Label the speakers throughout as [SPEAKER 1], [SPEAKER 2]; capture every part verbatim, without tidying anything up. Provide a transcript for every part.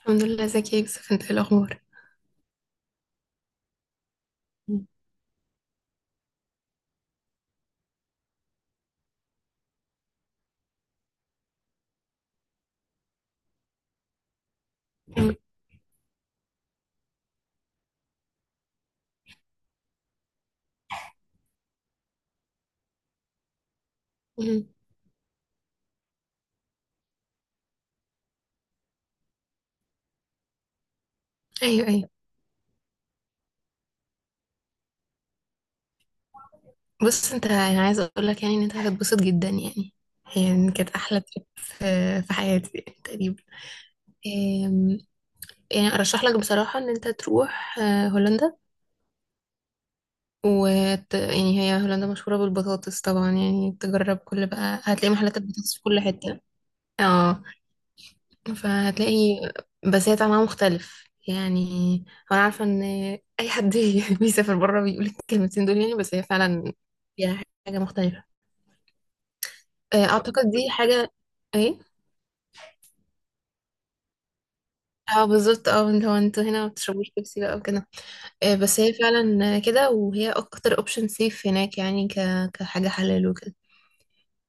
[SPEAKER 1] الحمد لله، ازيك يا يوسف؟ انت ايه الاخبار؟ مم. مم. ايوه، ايوه. بص، انت انا عايزه اقول لك يعني ان انت هتتبسط جدا يعني. هي يعني كانت احلى ترip في في حياتي يعني تقريبا. أم، يعني ارشح لك بصراحه ان انت تروح آه، هولندا. وت... يعني هي هولندا مشهوره بالبطاطس طبعا، يعني تجرب. كل بقى هتلاقي محلات البطاطس في كل حته. اه، فهتلاقي بساتة معناه مختلف يعني. انا عارفه ان اي حد بيسافر بره بيقول الكلمتين دول يعني، بس هي فعلا فيها حاجه مختلفه. آه، اعتقد دي حاجه. ايه. اه بالظبط، اه اللي هو انتوا هنا ما بتشربوش بيبسي بقى وكده. آه، بس هي فعلا كده، وهي اكتر اوبشن سيف هناك يعني ك... كحاجه حلال وكده.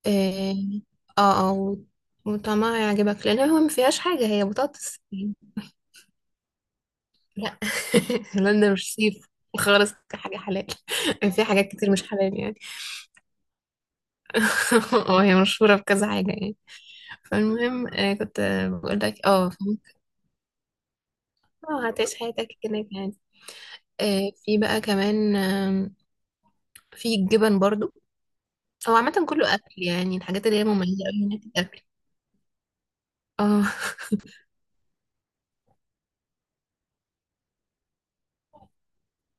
[SPEAKER 1] اه. اه. آه، وطعمها يعجبك لان هو ما فيهاش حاجه، هي بطاطس. لا، هولندا مش صيف خالص كحاجة حلال. في حاجات كتير مش حلال يعني. وهي مشهورة بكذا حاجة يعني. فالمهم آه، كنت آه، بقول لك، اه فاهم؟ اه هتعيش حياتك هناك يعني. آه، في بقى كمان، آم، في الجبن برضو. هو عامة كله أكل، يعني الحاجات اللي هي مميزة أوي هناك الأكل. اه.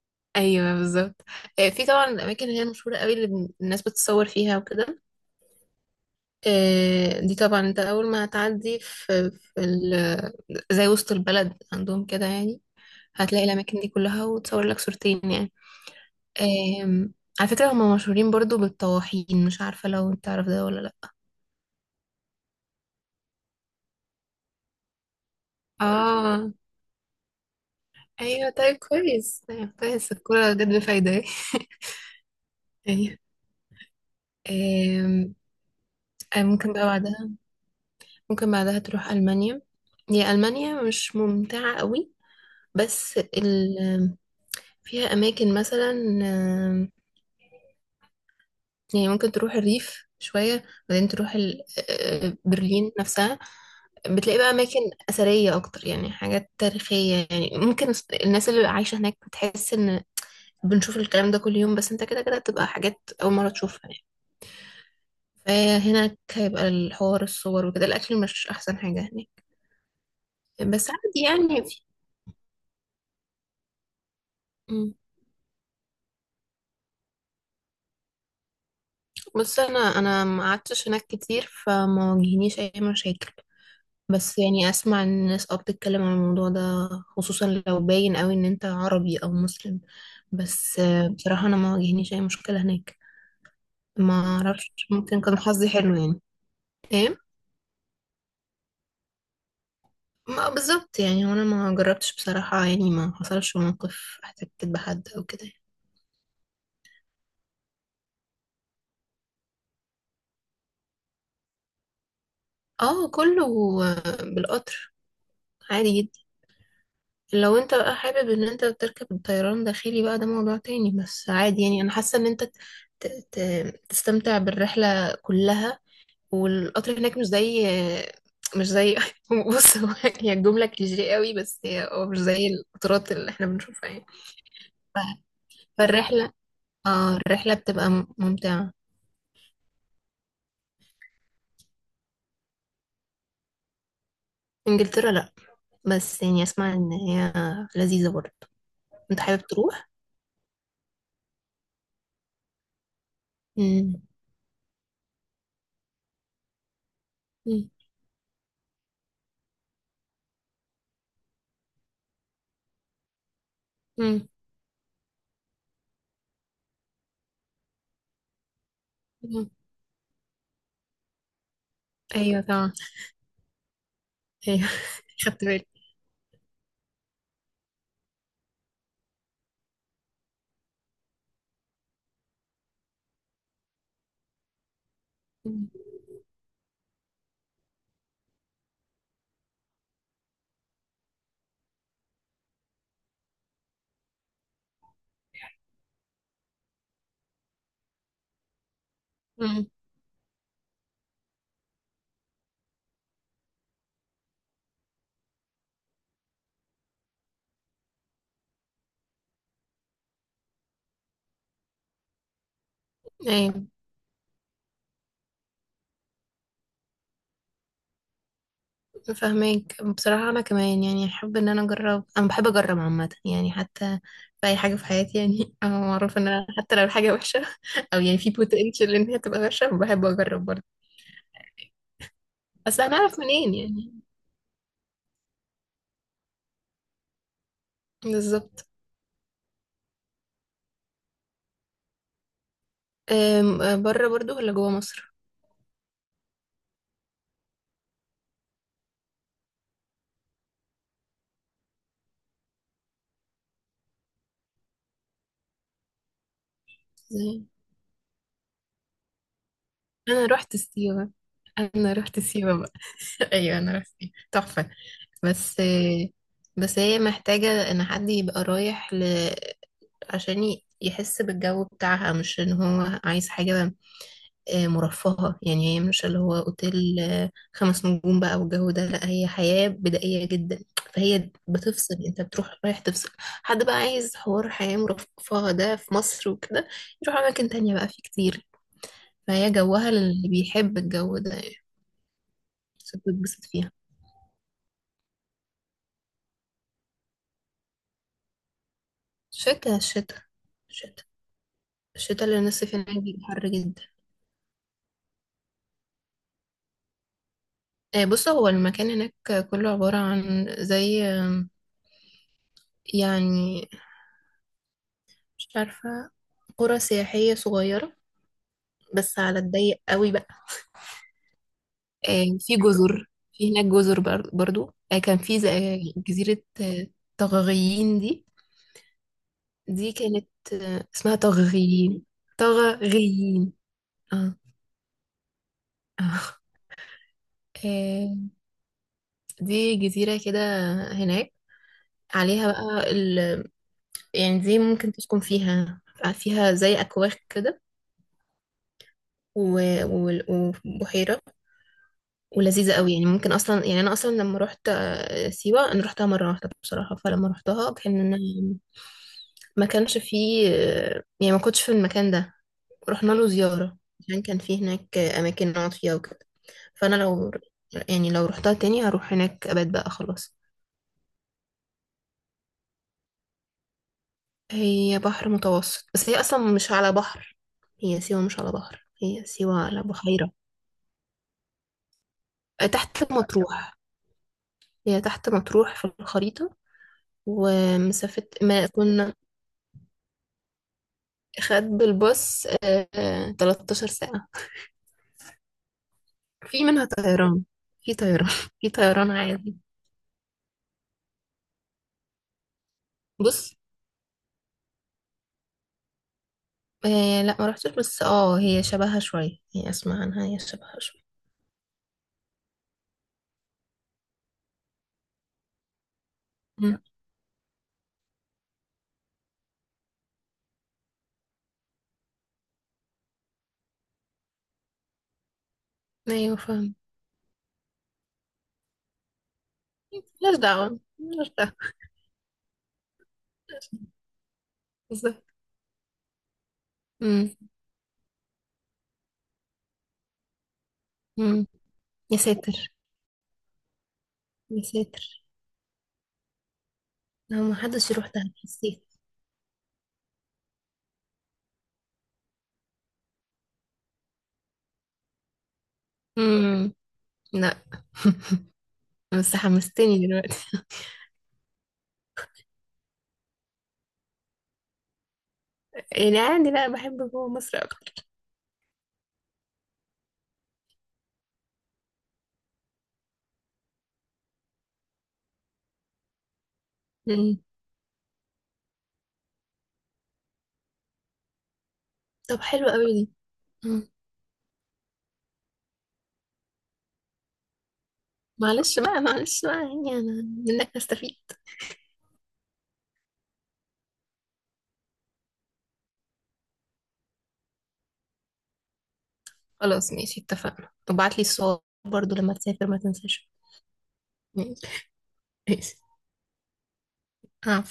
[SPEAKER 1] ايوه بالظبط. آه، في طبعا الاماكن اللي هي مشهوره قوي اللي الناس بتتصور فيها وكده. آه، دي طبعا انت اول ما هتعدي في, في ال- زي وسط البلد عندهم كده يعني. هتلاقي الاماكن دي كلها، وتصور لك صورتين يعني. آم، على فكرة هم مشهورين برضو بالطواحين، مش عارفة لو انت تعرف ده ولا لا. اه. ايوه طيب كويس، طيب كويس، الكورة جت بفايدة. ايوه. آم، آه، ممكن بقى بعدها، ممكن بعدها تروح المانيا. هي المانيا مش ممتعة قوي، بس ال... فيها اماكن مثلا، يعني ممكن تروح الريف شوية، بعدين تروح ال- آه، برلين نفسها. بتلاقي بقى أماكن أثرية أكتر يعني، حاجات تاريخية. يعني ممكن الناس اللي عايشة هناك بتحس إن بنشوف الكلام ده كل يوم، بس أنت كده كده بتبقى حاجات أول مرة تشوفها يعني. فهناك هيبقى الحوار الصور وكده، الأكل مش أحسن حاجة هناك، بس عادي يعني. في مم. بص، أنا أنا ما قعدتش هناك كتير، فما واجهنيش أي مشاكل. بس يعني اسمع ان الناس اه بتتكلم عن الموضوع ده، خصوصا لو باين قوي ان انت عربي او مسلم. بس آه، بصراحة انا ما واجهنيش اي مشكلة هناك. ما اعرفش، ممكن كان حظي حلو يعني. ايه. ما بالظبط يعني، وانا ما جربتش بصراحة، يعني ما حصلش موقف احتكيت بحد او كده يعني. اه كله آه، بالقطر، عادي جدا. لو انت بقى حابب ان انت تركب الطيران داخلي بقى ده موضوع تاني، بس عادي يعني. انا حاسة ان انت ت- ت- تستمتع بالرحلة كلها، والقطر هناك مش زي مش زي بص هو، هي الجملة كليشيه قوي، بس هي هو مش زي القطارات اللي احنا بنشوفها يعني. ف- فالرحلة، اه الرحلة بتبقى م- ممتعة. انجلترا لا، بس يعني اسمع ان هي لذيذة برضه. انت حابب تروح؟ مم. مم. مم. مم. ايوه طبعا. ايوه. خدت بالي. مم. مم. ايوه فاهمك. بصراحة أنا كمان يعني أحب إن أنا أجرب، أنا بحب أجرب عامة يعني، حتى في أي حاجة في حياتي يعني. أنا معروف إن أنا حتى لو الحاجة وحشة أو يعني في بوتنشال إن هي تبقى وحشة بحب أجرب برضه. بس أنا أعرف منين يعني؟ بالظبط. أم، بره برضه ولا جوه مصر؟ إزاي؟ أنا رحت سيوة. أنا رحت سيوة بقى. أيوة أنا رحت سيوة تحفة. بس بس هي محتاجة إن حد يبقى رايح، عشان ي- يحس بالجو بتاعها، مش ان هو عايز حاجة آه، مرفهة. يعني هي مش اللي هو اوتيل آه، خمس نجوم بقى والجو ده، لا هي حياة بدائية جدا. فهي بتفصل، انت بتروح رايح تفصل. حد بقى عايز حوار حياة مرفهة ده في مصر وكده يروح اماكن تانية، بقى في كتير. فهي جوها اللي بيحب الجو ده يعني، بس بتتبسط فيها. شتا شتا شتا. الشتا اللي الناس فيه هناك بيبقى حر جدا. آه، بص هو المكان هناك كله عبارة عن زي، يعني مش عارفة، قرى سياحية صغيرة، بس على الضيق قوي بقى. آه، في جزر. في هناك جزر بر- برضو آه، كان في ز- آه، جزيرة آه، طغغيين دي. دي كانت آه، اسمها طغغيين. طغغيين اه. آه. آه، دي جزيرة كده هناك، عليها بقى ال... يعني دي ممكن تسكن فيها، فيها زي أكواخ كده، و... وال- وبحيرة، ولذيذة قوي يعني. ممكن أصلا، يعني أنا أصلا لما روحت آه، سيوة أنا روحتها مرة واحدة بصراحة، فلما روحتها كان إن- ما كانش فيه آه، يعني ما كنتش في المكان ده. رحنا له زيارة عشان كان فيه هناك آه، أماكن نقعد فيها وكده. فأنا لو، يعني لو روحتها تاني هروح هناك أبات بقى خلاص. هي بحر متوسط، بس هي أصلا مش على بحر، هي سيوة مش على بحر، هي سيوة على بحيرة. آه، تحت مطروح، هي تحت مطروح في الخريطة. ومسافة ما كنا، خد بالباص آه، آه، ثلاث عشرة ساعة. في منها طيران، في طيران في طيران عادي. بص، آه لا ما رحتش، بس اه هي شبهها شوية، هي اسمع عنها هي شبهها شوية. مم. ايوه فاهم. ملهاش دعوة، ملهاش دعوة. بالظبط. مم. مم. يا ساتر، يا ساتر. لو ما حدش يروح ده حسيت. مم. لا. بس حمستني دلوقتي. يعني عادي، لا بحب جوه مصر اكتر. مم. طب حلو قوي دي. معلش بقى، معلش بقى، يعني انا منك نستفيد. خلاص ماشي اتفقنا، وبعت لي الصور برضو لما تسافر ما تنساش. ماشي. ماشي.